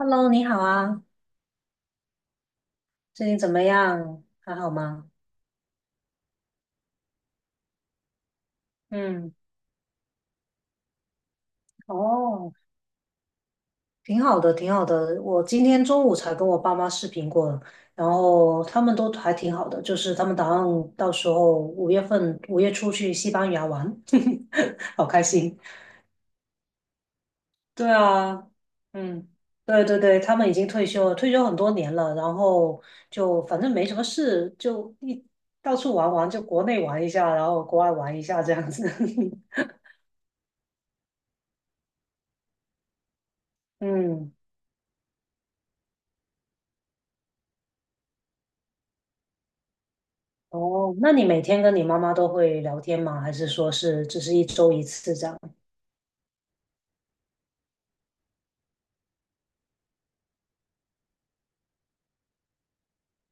Hello，你好啊，最近怎么样？还好吗？嗯，哦，挺好的，挺好的。我今天中午才跟我爸妈视频过了，然后他们都还挺好的，就是他们打算到时候五月份五月初去西班牙玩，好开心。对啊，嗯，对对对，他们已经退休了，退休很多年了，然后就反正没什么事，就一到处玩玩，就国内玩一下，然后国外玩一下这样子。嗯。哦，那你每天跟你妈妈都会聊天吗？还是说是只是一周一次这样？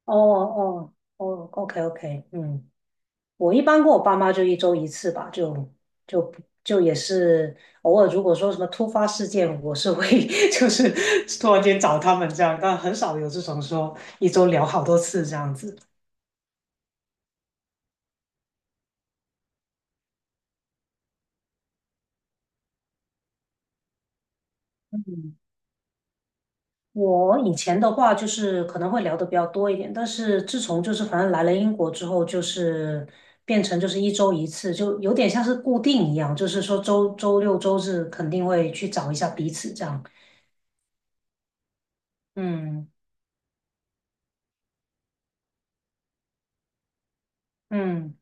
哦哦哦，OK OK，嗯，我一般跟我爸妈就一周一次吧，就就也是偶尔，如果说什么突发事件，我是会 就是突然间找他们这样，但很少有这种说一周聊好多次这样子。我以前的话就是可能会聊的比较多一点，但是自从就是反正来了英国之后，就是变成就是一周一次，就有点像是固定一样，就是说周周六周日肯定会去找一下彼此这样。嗯嗯，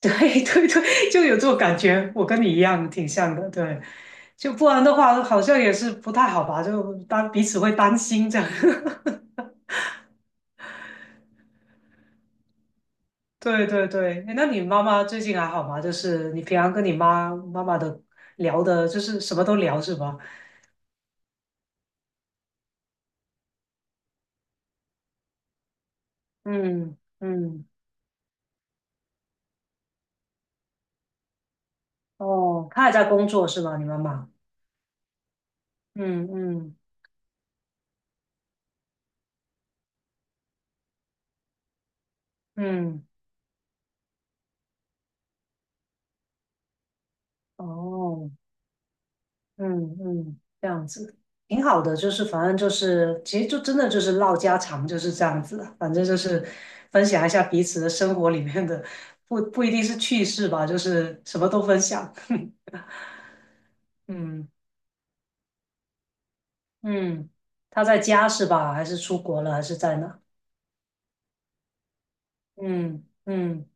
对 对对，就有这种感觉，我跟你一样，挺像的。对，就不然的话，好像也是不太好吧，就当彼此会担心这样。对对对，诶那你妈妈最近还好吗？就是你平常跟你妈妈妈的聊的，就是什么都聊是吧？嗯嗯，哦，她还在工作是吗？你妈妈？嗯嗯嗯，哦，嗯嗯，这样子挺好的，就是反正就是，其实就真的就是唠家常就是这样子的，反正就是分享一下彼此的生活里面的，不一定是趣事吧，就是什么都分享。嗯。嗯，他在家是吧？还是出国了？还是在哪？嗯嗯，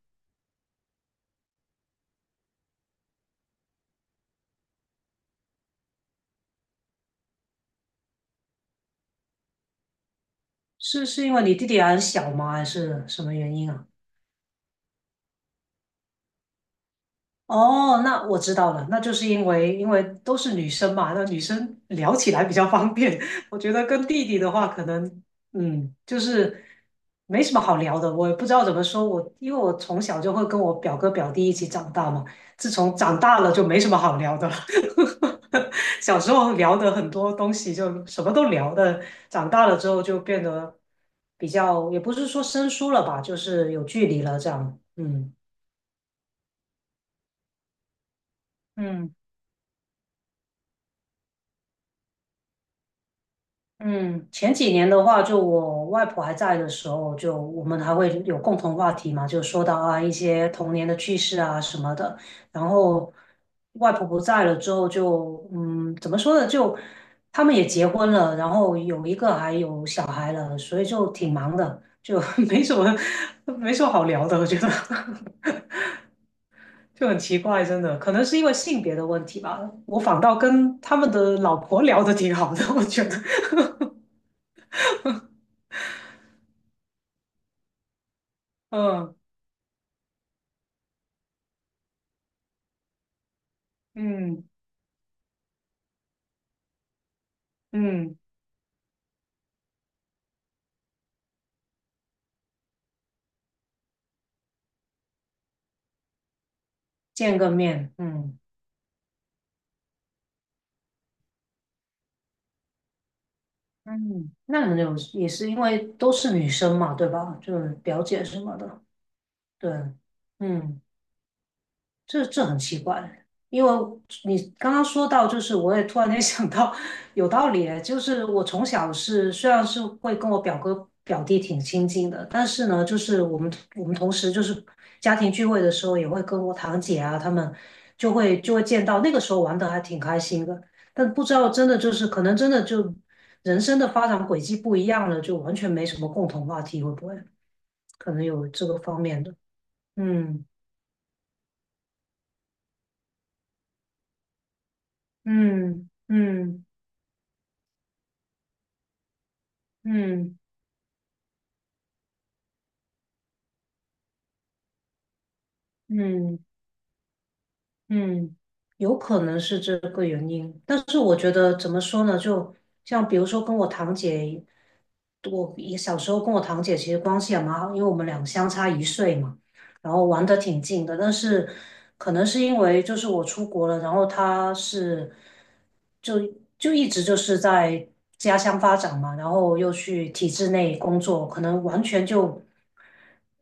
是因为你弟弟还很小吗？还是什么原因啊？哦，那我知道了，那就是因为都是女生嘛，那女生聊起来比较方便。我觉得跟弟弟的话，可能嗯，就是没什么好聊的。我也不知道怎么说，我因为我从小就会跟我表哥表弟一起长大嘛，自从长大了就没什么好聊的了。小时候聊的很多东西就什么都聊的，长大了之后就变得比较，也不是说生疏了吧，就是有距离了这样。嗯嗯。嗯，前几年的话，就我外婆还在的时候，就我们还会有共同话题嘛，就说到啊一些童年的趣事啊什么的。然后外婆不在了之后就，嗯，怎么说呢？就他们也结婚了，然后有一个还有小孩了，所以就挺忙的，就 没什么 没什么好聊的，我觉得 就很奇怪，真的，可能是因为性别的问题吧。我反倒跟他们的老婆聊得挺好的，我觉得，嗯。嗯嗯，见个面，嗯嗯，那你们有也是因为都是女生嘛，对吧？就是表姐什么的，对，嗯这这很奇怪，因为你刚刚说到，就是我也突然间 想到，有道理诶，就是我从小是虽然是会跟我表哥表弟挺亲近的，但是呢，就是我们同时就是家庭聚会的时候，也会跟我堂姐啊他们就会见到，那个时候玩的还挺开心的，但不知道真的就是可能真的就人生的发展轨迹不一样了，就完全没什么共同话题，会不会可能有这个方面的？嗯嗯嗯。嗯嗯嗯，有可能是这个原因，但是我觉得怎么说呢？就像比如说跟我堂姐，我也小时候跟我堂姐其实关系也蛮好，因为我们俩相差一岁嘛。然后玩的挺近的，但是可能是因为就是我出国了，然后他是就就一直就是在家乡发展嘛，然后又去体制内工作，可能完全就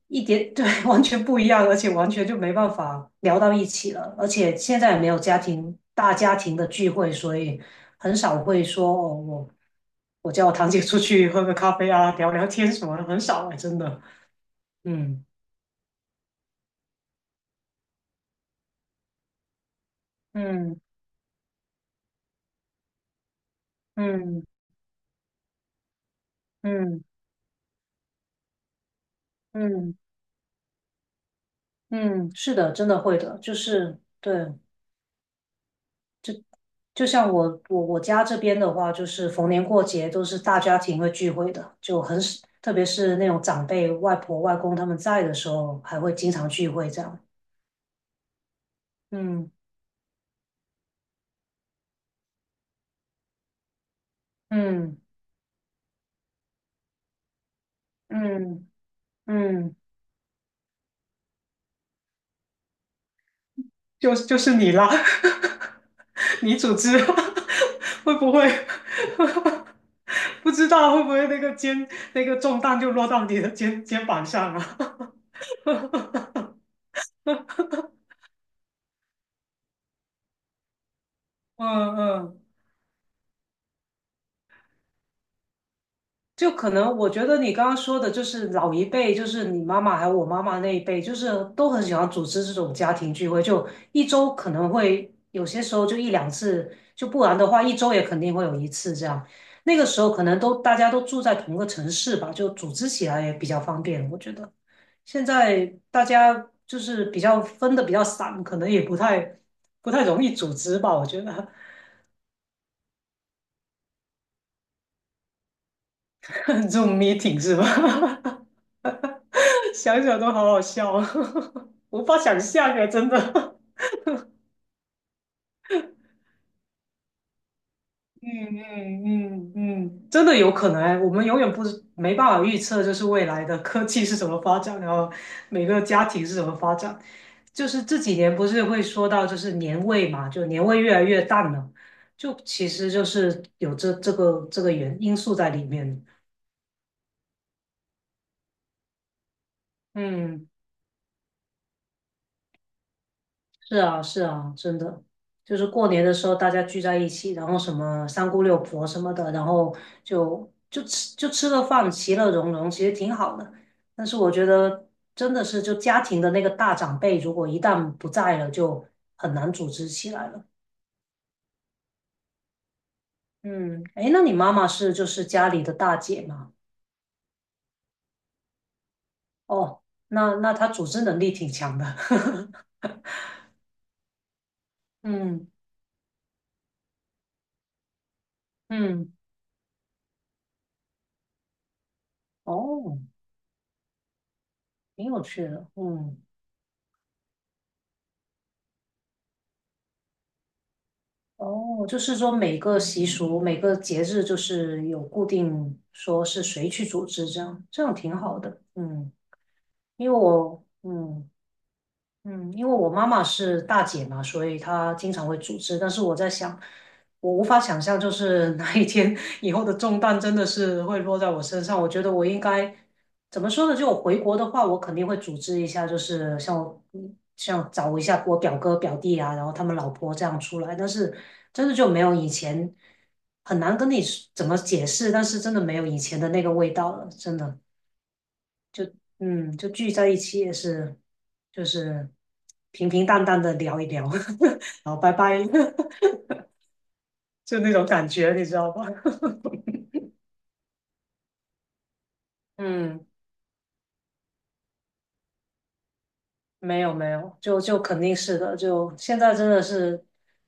一点，对，完全不一样，而且完全就没办法聊到一起了，而且现在也没有家庭大家庭的聚会，所以很少会说哦我。我叫我堂姐出去喝个咖啡啊，聊聊天什么的，很少哎，真的。嗯嗯嗯。嗯嗯嗯，是的，真的会的，就是对，就像我家这边的话，就是逢年过节都是大家庭会聚会的，就很少，特别是那种长辈、外婆、外公他们在的时候，还会经常聚会这样。嗯嗯嗯嗯，就就是你啦，你组织 会不会 不知道会不会那个肩那个重担就落到你的肩膀上啊？嗯嗯。就可能我觉得你刚刚说的，就是老一辈，就是你妈妈还有我妈妈那一辈，就是都很喜欢组织这种家庭聚会，就一周可能会有些时候就一两次，就不然的话一周也肯定会有一次这样。那个时候可能都大家都住在同个城市吧，就组织起来也比较方便，我觉得。现在大家就是比较分的比较散，可能也不太容易组织吧，我觉得 这种 meeting 是吧？想想都好好笑，无法想象哎，真的。嗯嗯嗯嗯，真的有可能哎，我们永远不知没办法预测，就是未来的科技是怎么发展，然后每个家庭是怎么发展。就是这几年不是会说到就是年味嘛，就年味越来越淡了，就其实就是有这这个原因素在里面。嗯。是啊，是啊，真的，就是过年的时候大家聚在一起，然后什么三姑六婆什么的，然后就吃个饭，其乐融融，其实挺好的。但是我觉得真的是，就家庭的那个大长辈，如果一旦不在了，就很难组织起来了。嗯，诶，那你妈妈是就是家里的大姐嘛？哦，那那她组织能力挺强的。嗯嗯，哦，挺有趣的。嗯。哦，就是说每个习俗、每个节日，就是有固定说是谁去组织，这样这样挺好的。嗯，因为我嗯，嗯，因为我妈妈是大姐嘛，所以她经常会组织。但是我在想，我无法想象，就是哪一天 以后的重担真的是会落在我身上。我觉得我应该怎么说呢？就我回国的话，我肯定会组织一下，就是像我嗯像找一下我表哥表弟啊，然后他们老婆这样出来。但是真的就没有以前很难跟你怎么解释，但是真的没有以前的那个味道了，真的。嗯，就聚在一起也是，就是平平淡淡的聊一聊，然后拜拜，就那种感觉，你知道吧？嗯，没有没有，就就肯定是的，就现在真的是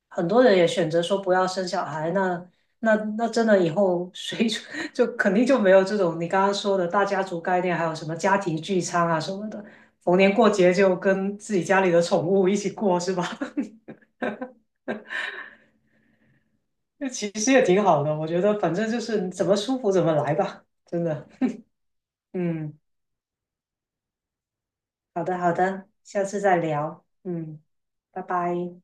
很多人也选择说不要生小孩，那那真的以后谁 就肯定就没有这种你刚刚说的大家族概念，还有什么家庭聚餐啊什么的，逢年过节就跟自己家里的宠物一起过，是吧？那其实也挺好的，我觉得反正就是你怎么舒服怎么来吧，真的。嗯，好的好的，下次再聊。嗯，拜拜。